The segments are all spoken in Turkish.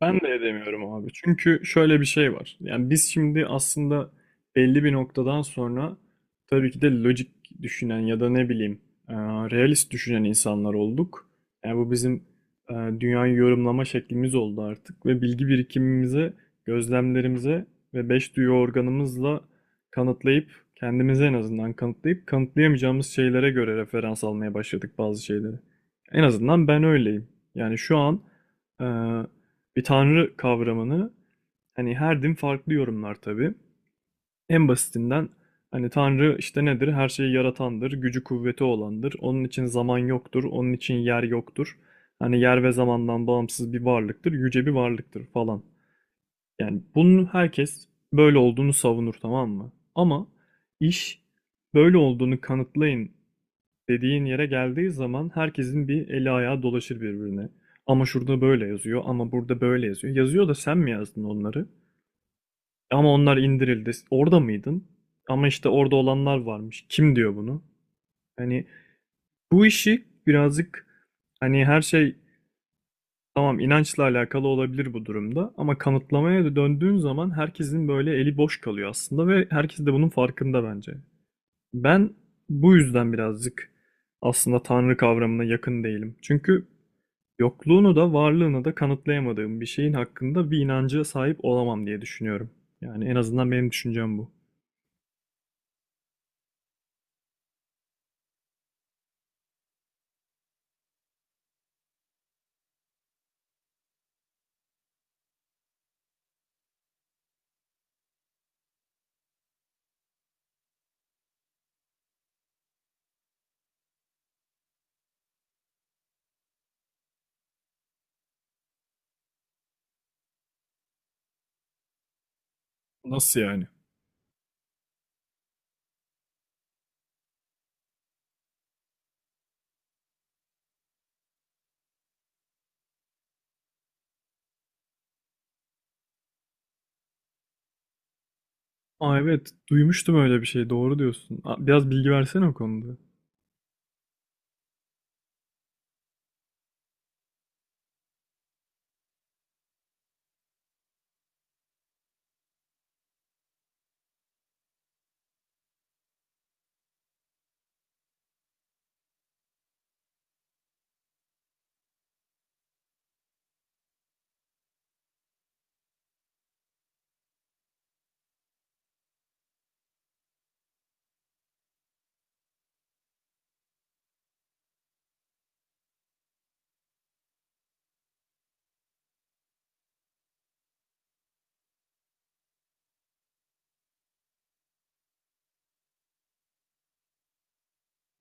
Ben de edemiyorum abi. Çünkü şöyle bir şey var. Yani biz şimdi aslında belli bir noktadan sonra tabii ki de lojik düşünen ya da ne bileyim, e, realist düşünen insanlar olduk. Yani bu bizim e, dünyayı yorumlama şeklimiz oldu artık ve bilgi birikimimize, gözlemlerimize ve 5 duyu organımızla kanıtlayıp kendimize en azından kanıtlayıp kanıtlayamayacağımız şeylere göre referans almaya başladık bazı şeyleri. En azından ben öyleyim. Yani şu an ee, ve tanrı kavramını, hani her din farklı yorumlar tabii. En basitinden, hani tanrı işte nedir? Her şeyi yaratandır, gücü kuvveti olandır. Onun için zaman yoktur, onun için yer yoktur. Hani yer ve zamandan bağımsız bir varlıktır, yüce bir varlıktır falan. Yani bunun herkes böyle olduğunu savunur, tamam mı? Ama iş böyle olduğunu kanıtlayın dediğin yere geldiği zaman herkesin bir eli ayağı dolaşır birbirine. Ama şurada böyle yazıyor, ama burada böyle yazıyor. Yazıyor da sen mi yazdın onları? Ama onlar indirildi. Orada mıydın? Ama işte orada olanlar varmış. Kim diyor bunu? Hani bu işi birazcık, hani her şey, tamam, inançla alakalı olabilir bu durumda ama kanıtlamaya da döndüğün zaman herkesin böyle eli boş kalıyor aslında ve herkes de bunun farkında bence. Ben bu yüzden birazcık aslında Tanrı kavramına yakın değilim. Çünkü yokluğunu da varlığını da kanıtlayamadığım bir şeyin hakkında bir inancı sahip olamam diye düşünüyorum. Yani en azından benim düşüncem bu. Nasıl yani? Aa, evet, duymuştum öyle bir şey. Doğru diyorsun. Aa, biraz bilgi versene o konuda.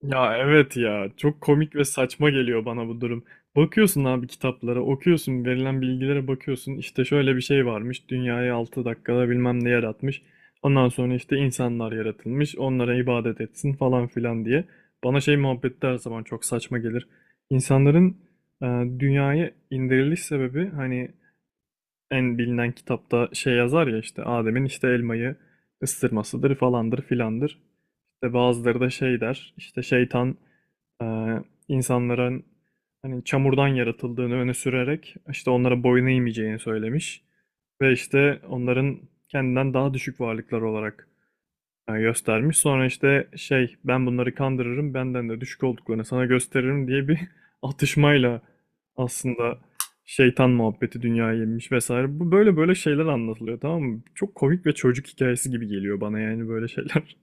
Ya evet, ya çok komik ve saçma geliyor bana bu durum. Bakıyorsun abi kitaplara, okuyorsun, verilen bilgilere bakıyorsun. İşte şöyle bir şey varmış. Dünyayı 6 dakikada bilmem ne yaratmış. Ondan sonra işte insanlar yaratılmış. Onlara ibadet etsin falan filan diye. Bana şey muhabbeti de her zaman çok saçma gelir. İnsanların e, dünyaya indiriliş sebebi, hani en bilinen kitapta şey yazar ya, işte Adem'in işte elmayı ısırmasıdır falandır filandır. İşte bazıları da şey der, işte şeytan e, insanların hani çamurdan yaratıldığını öne sürerek işte onlara boyun eğmeyeceğini söylemiş. Ve işte onların kendinden daha düşük varlıklar olarak, ha, göstermiş. Sonra işte şey, ben bunları kandırırım, benden de düşük olduklarını sana gösteririm diye bir atışmayla aslında şeytan muhabbeti dünyaya yenmiş vesaire. Bu böyle böyle şeyler anlatılıyor, tamam mı? Çok komik ve çocuk hikayesi gibi geliyor bana, yani böyle şeyler.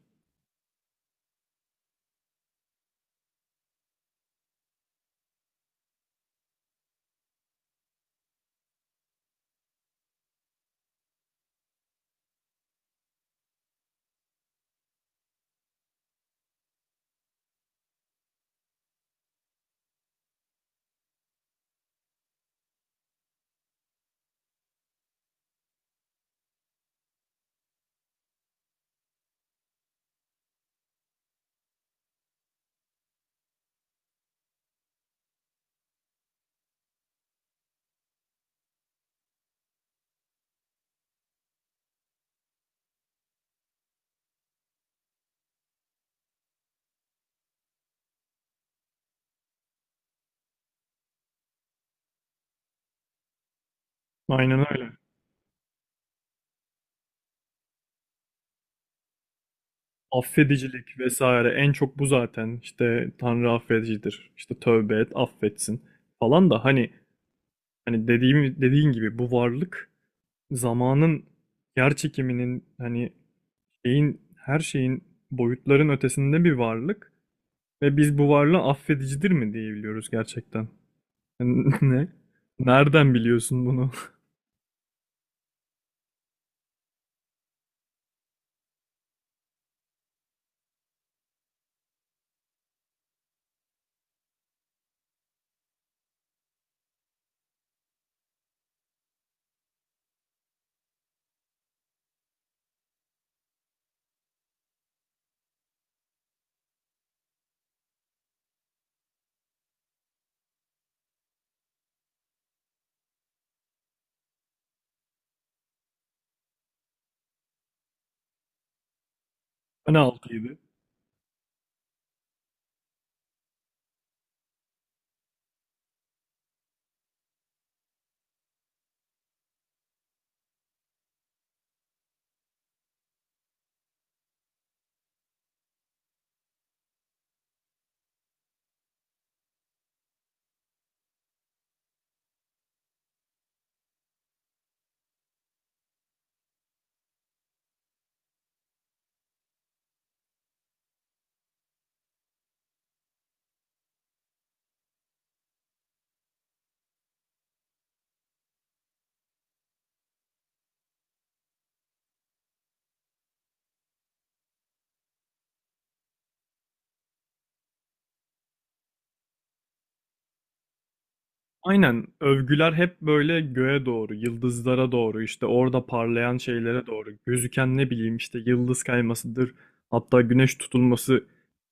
Aynen öyle. Affedicilik vesaire, en çok bu zaten. İşte Tanrı affedicidir. İşte tövbe et, affetsin falan da hani dediğin gibi, bu varlık zamanın, yer çekiminin, hani şeyin, her şeyin, boyutların ötesinde bir varlık ve biz bu varlığı affedicidir mi diyebiliyoruz gerçekten? Yani ne? Nereden biliyorsun bunu? Ne altıydı? Aynen, övgüler hep böyle göğe doğru, yıldızlara doğru, işte orada parlayan şeylere doğru, gözüken ne bileyim işte yıldız kaymasıdır. Hatta güneş tutulması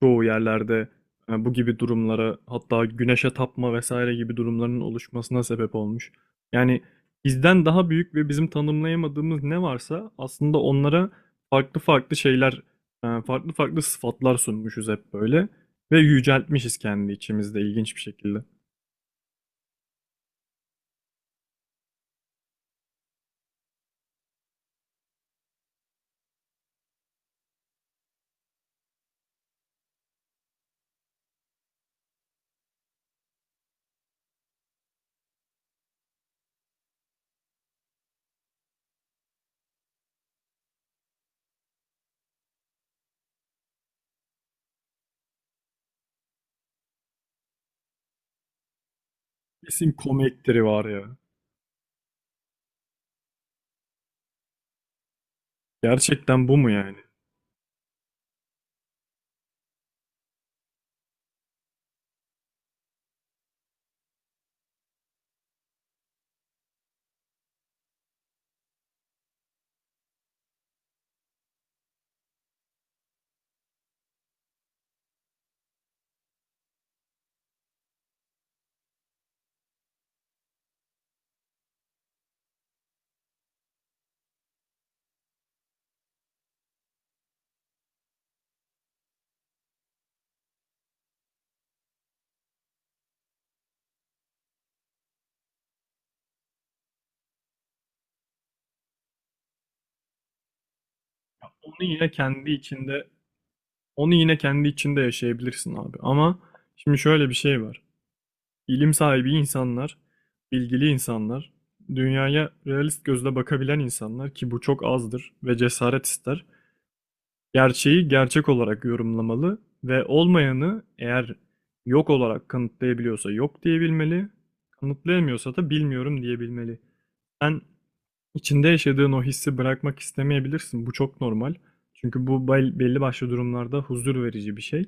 çoğu yerlerde bu gibi durumlara, hatta güneşe tapma vesaire gibi durumların oluşmasına sebep olmuş. Yani bizden daha büyük ve bizim tanımlayamadığımız ne varsa aslında onlara farklı farklı şeyler, farklı farklı sıfatlar sunmuşuz hep böyle ve yüceltmişiz kendi içimizde ilginç bir şekilde. Kesin komikleri var ya. Gerçekten bu mu yani? Onu yine kendi içinde, onu yine kendi içinde yaşayabilirsin abi. Ama şimdi şöyle bir şey var. İlim sahibi insanlar, bilgili insanlar, dünyaya realist gözle bakabilen insanlar ki bu çok azdır ve cesaret ister. Gerçeği gerçek olarak yorumlamalı ve olmayanı eğer yok olarak kanıtlayabiliyorsa yok diyebilmeli, kanıtlayamıyorsa da bilmiyorum diyebilmeli. Ben, İçinde yaşadığın o hissi bırakmak istemeyebilirsin. Bu çok normal. Çünkü bu belli başlı durumlarda huzur verici bir şey.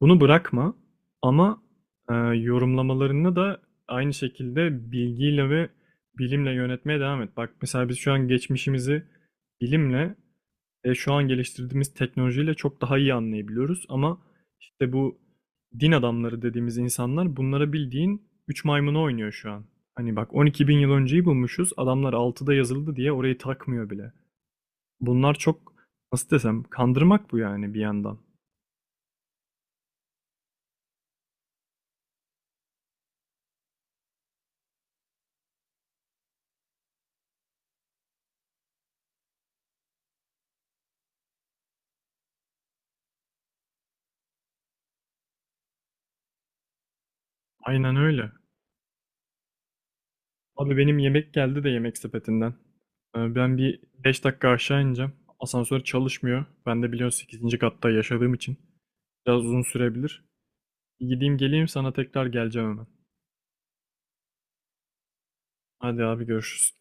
Bunu bırakma ama yorumlamalarını da aynı şekilde bilgiyle ve bilimle yönetmeye devam et. Bak mesela biz şu an geçmişimizi bilimle, şu an geliştirdiğimiz teknolojiyle çok daha iyi anlayabiliyoruz ama işte bu din adamları dediğimiz insanlar bunlara bildiğin 3 maymunu oynuyor şu an. Hani bak, 12 bin yıl önceyi bulmuşuz, adamlar altıda yazıldı diye orayı takmıyor bile. Bunlar çok, nasıl desem, kandırmak bu yani bir yandan. Aynen öyle. Abi benim yemek geldi de yemek sepetinden. Ben bir 5 dakika aşağı ineceğim. Asansör çalışmıyor. Ben de biliyorsun sekizinci katta yaşadığım için biraz uzun sürebilir. Gideyim geleyim, sana tekrar geleceğim hemen. Hadi abi, görüşürüz.